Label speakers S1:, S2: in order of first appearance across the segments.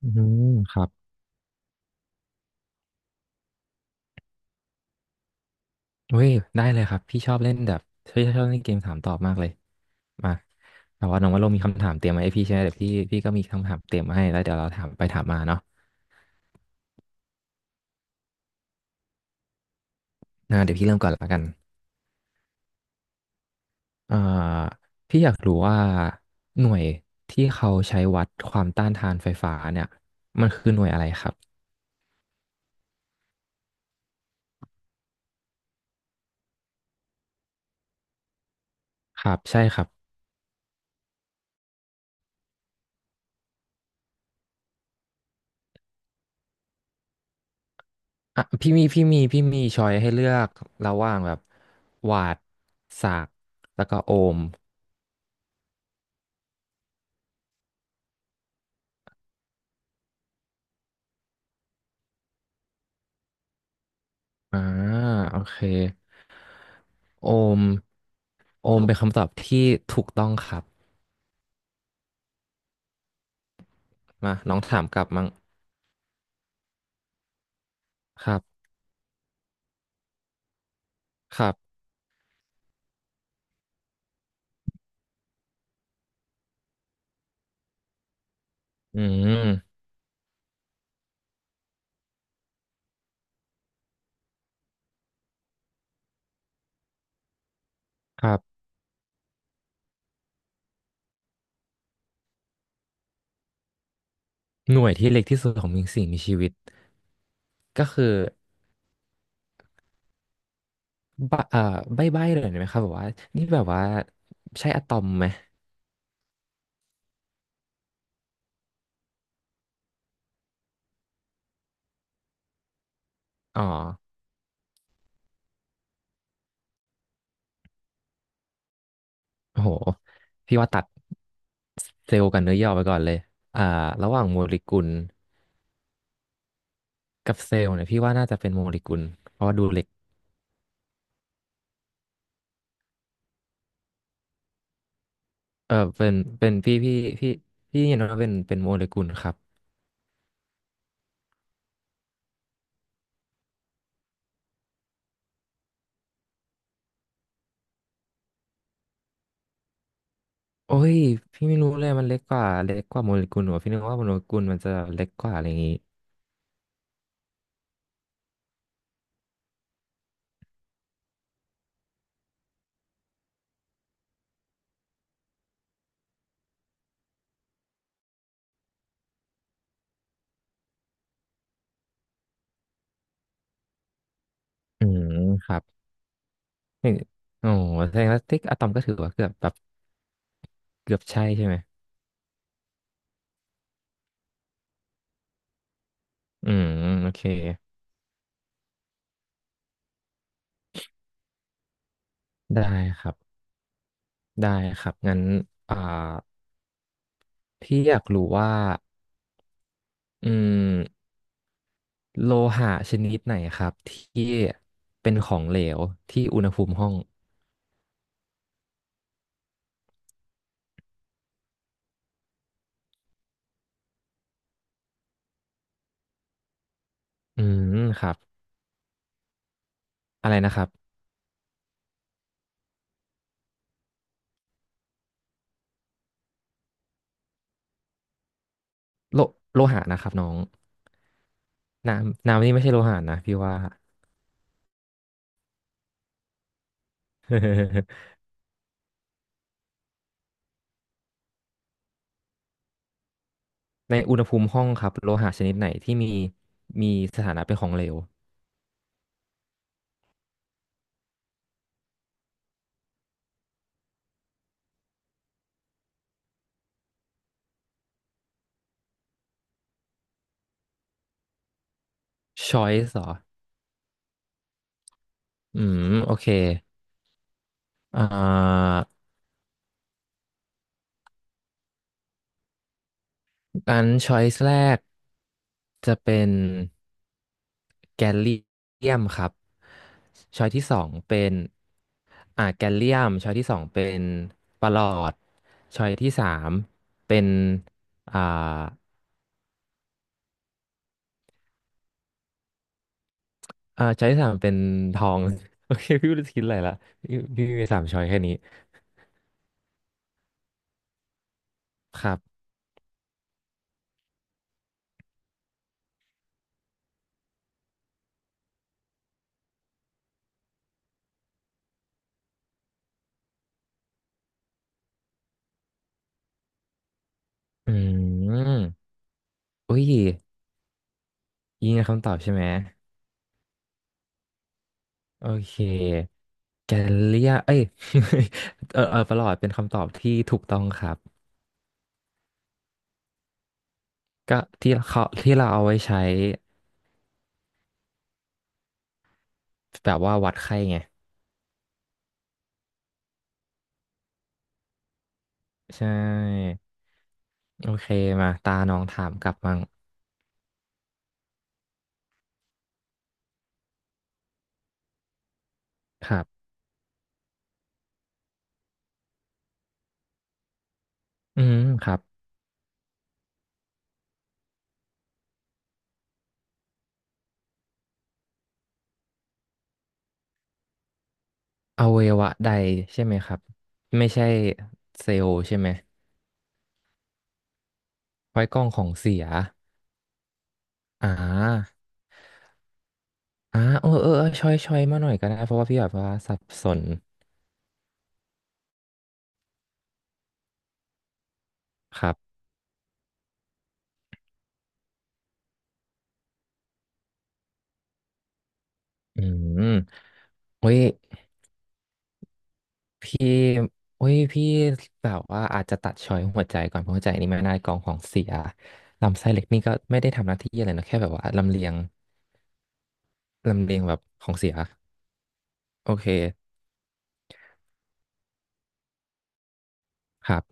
S1: อืมครับเว้ยได้เลยครับพี่ชอบเล่นแบบพี่ชอบเล่นเกมถามตอบมากเลยมาแต่ว่าน้องว่าเรามีคำถามเตรียมมาให้พี่ใช่ไหมเดี๋ยวพี่ก็มีคำถามเตรียมมาให้แล้วเดี๋ยวเราถามไปถามมาเนาะเดี๋ยวพี่เริ่มก่อนละกันอ่าพี่อยากรู้ว่าหน่วยที่เขาใช้วัดความต้านทานไฟฟ้าเนี่ยมันคือหน่วยอะไรครับครับใช่ครับอ่ะพี่มีช้อยให้เลือกระหว่างแบบวัตต์ศาก์แล้วก็โอห์มอ่าโอเค โอมโอมเป็นคำตอบที่ถูกต้องครับมาน้องถามกลับมั้งครับครับอืมครับหน่วยที่เล็กที่สุดของมีสิ่งมีชีวิตก็คือใบะเอ่อใบ้เลยไหมครับแบบว่านี่แบบว่าใช่อะตอมไหมอ๋อโอ้โหพี่ว่าตัดเซลล์กับเนื้อย่อไปก่อนเลยอ่าระหว่างโมเลกุลกับเซลล์เนี่ยพี่ว่าน่าจะเป็นโมเลกุลเพราะว่าดูเล็กเออเป็นพี่พี่เห็นว่าเป็นโมเลกุลครับ โอ้ยพี่ไม่รู้เลยมันเล็กกว่าโมเลกุลเหรอพี่นึกว่าโมเลกุลมันจะเล็กกว่าอะไรอย่างงี้อืมครับนี่โอ้โหแสดงว่าติ๊กอะตอมก็ถือว่าเกือบแบบเกือบใช่ใช่ไหมอืมโอเคได้ครับได้ครับงั้นอ่าพี่อยากรู้ว่าอืมโลหะชนิดไหนครับที่เป็นของเหลวที่อุณหภูมิห้องอืมครับอะไรนะครับโลโลหะนะครับน้องน้ำน้ำนี่ไม่ใช่โลหะนะพี่ว่า ในอุณหภูมิห้องครับโลหะชนิดไหนที่มีสถานะเป็นของเหลว choice เหรออืมโอเคอ่าอัน choice แรกจะเป็นแกลเลียมครับ choice ที่สองเป็นแกลเลียม choice ที่สองเป็นประหลอด choice ที่สามเป็นอ่าc h o i ที่สามเป็นทอง โอเคพี่ไม่รู้จะคิดอะไรละพี่มีสาม choice แค่นี้ครับอืม อุ้ยยิงคำตอบใช่ไหมโอเคแกลเลียเอ้ย เออเออประหลอดเป็นคำตอบที่ถูกต้องครับก็ที่เขาที่เราเอาไว้ใช้แบบว่าวัดไข้ไงใช่โอเคมาตาน้องถามกลับมั่งครับอืมครับอวัยวะใดใช่ไหมครับไม่ใช่เซลล์ใช่ไหมไว้กล้องของเสียอ่าเออเออเออช่อยช่อยมาหน่อยก็ได้เพราะว่าพี่แบบว่าสับสนครับ อืมโอ้ยพี่โอุ้ยพี่แบบว่าอาจจะตัดช้อยหัวใจก่อนเพราะหัวใจนี่ไม่น่ากองของเสียลำไส้เล็กนี่ก็ไม่ได้ทำหน้าที่อะไรนะแค่แบบว่าลำเลียงลำเลียงแบบของเสียโอเคครับ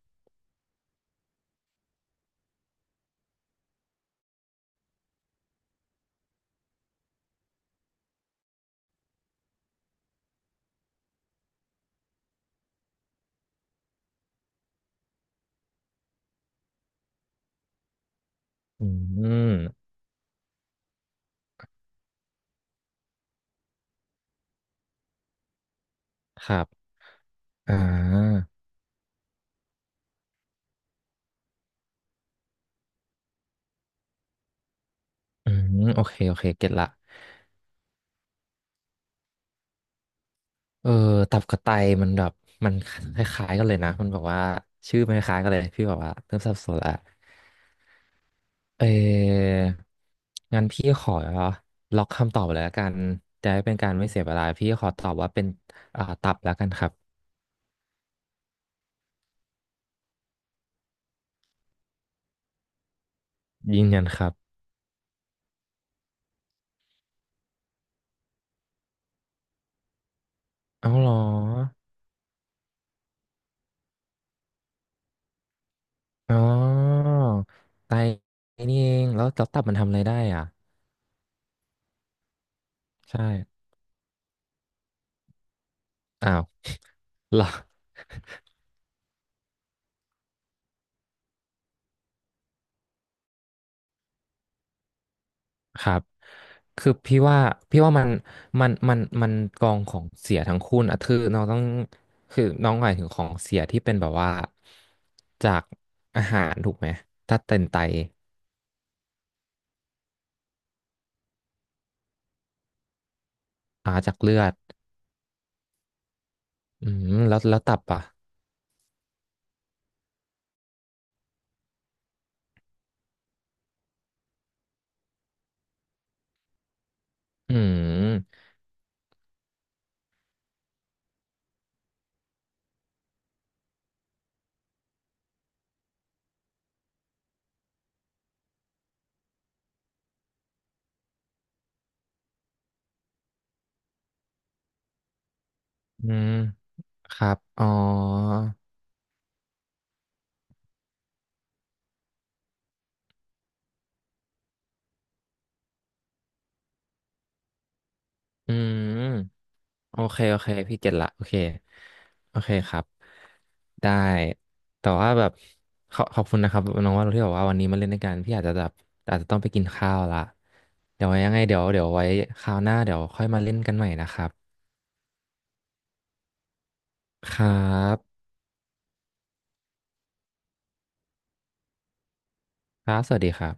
S1: อืมครับอ่าอืโอเคโอเคเก็ตละ เออตับกระไตมันแบบมันคล้ายๆกันเลยนะมันบอกว่าชื่อมันคล้ายๆกันเลยพี่บอกว่าเริ่มสับสนละเอองั้นพี่ขอล็อกคำตอบเลยละกันจะได้เป็นการไม่เสียเวลาพี่ขอตอบว่าเป็นตับแล้วกันครับยืนยันครับเอาเหรออ๋อไตนี่เองแล้วแล้วตับมันทำอะไรได้อ่ะใช่อ้าวเหรอ ครับ คือพี่ว่า พี่ว่ามัน มัน มันกองของเสียทั้งคู่นะคือน้องต้อง คือน้องหมายถึงของเสียที่เป็นแบบว่า จากอาหารถูกไหมถ้าเป็นไตจากเลือดอืมแล้วแล้วตับอ่ะอืมอืมครับ อ๋อ อืมโอเคโอเคพี่เก็ตละโอเคโอเคครับได้แต่ว่าแบบขอขอบคุณนะครับน้องว่าที่บอกว่าวันนี้มาเล่นด้วยกันพี่อาจจะแบบอาจจะต้องไปกินข้าวละเดี๋ยวไว้ยังไงเดี๋ยวไว้คราวหน้าเดี๋ยวค่อยมาเล่นกันใหม่นะครับครับครับสวัสดีครับ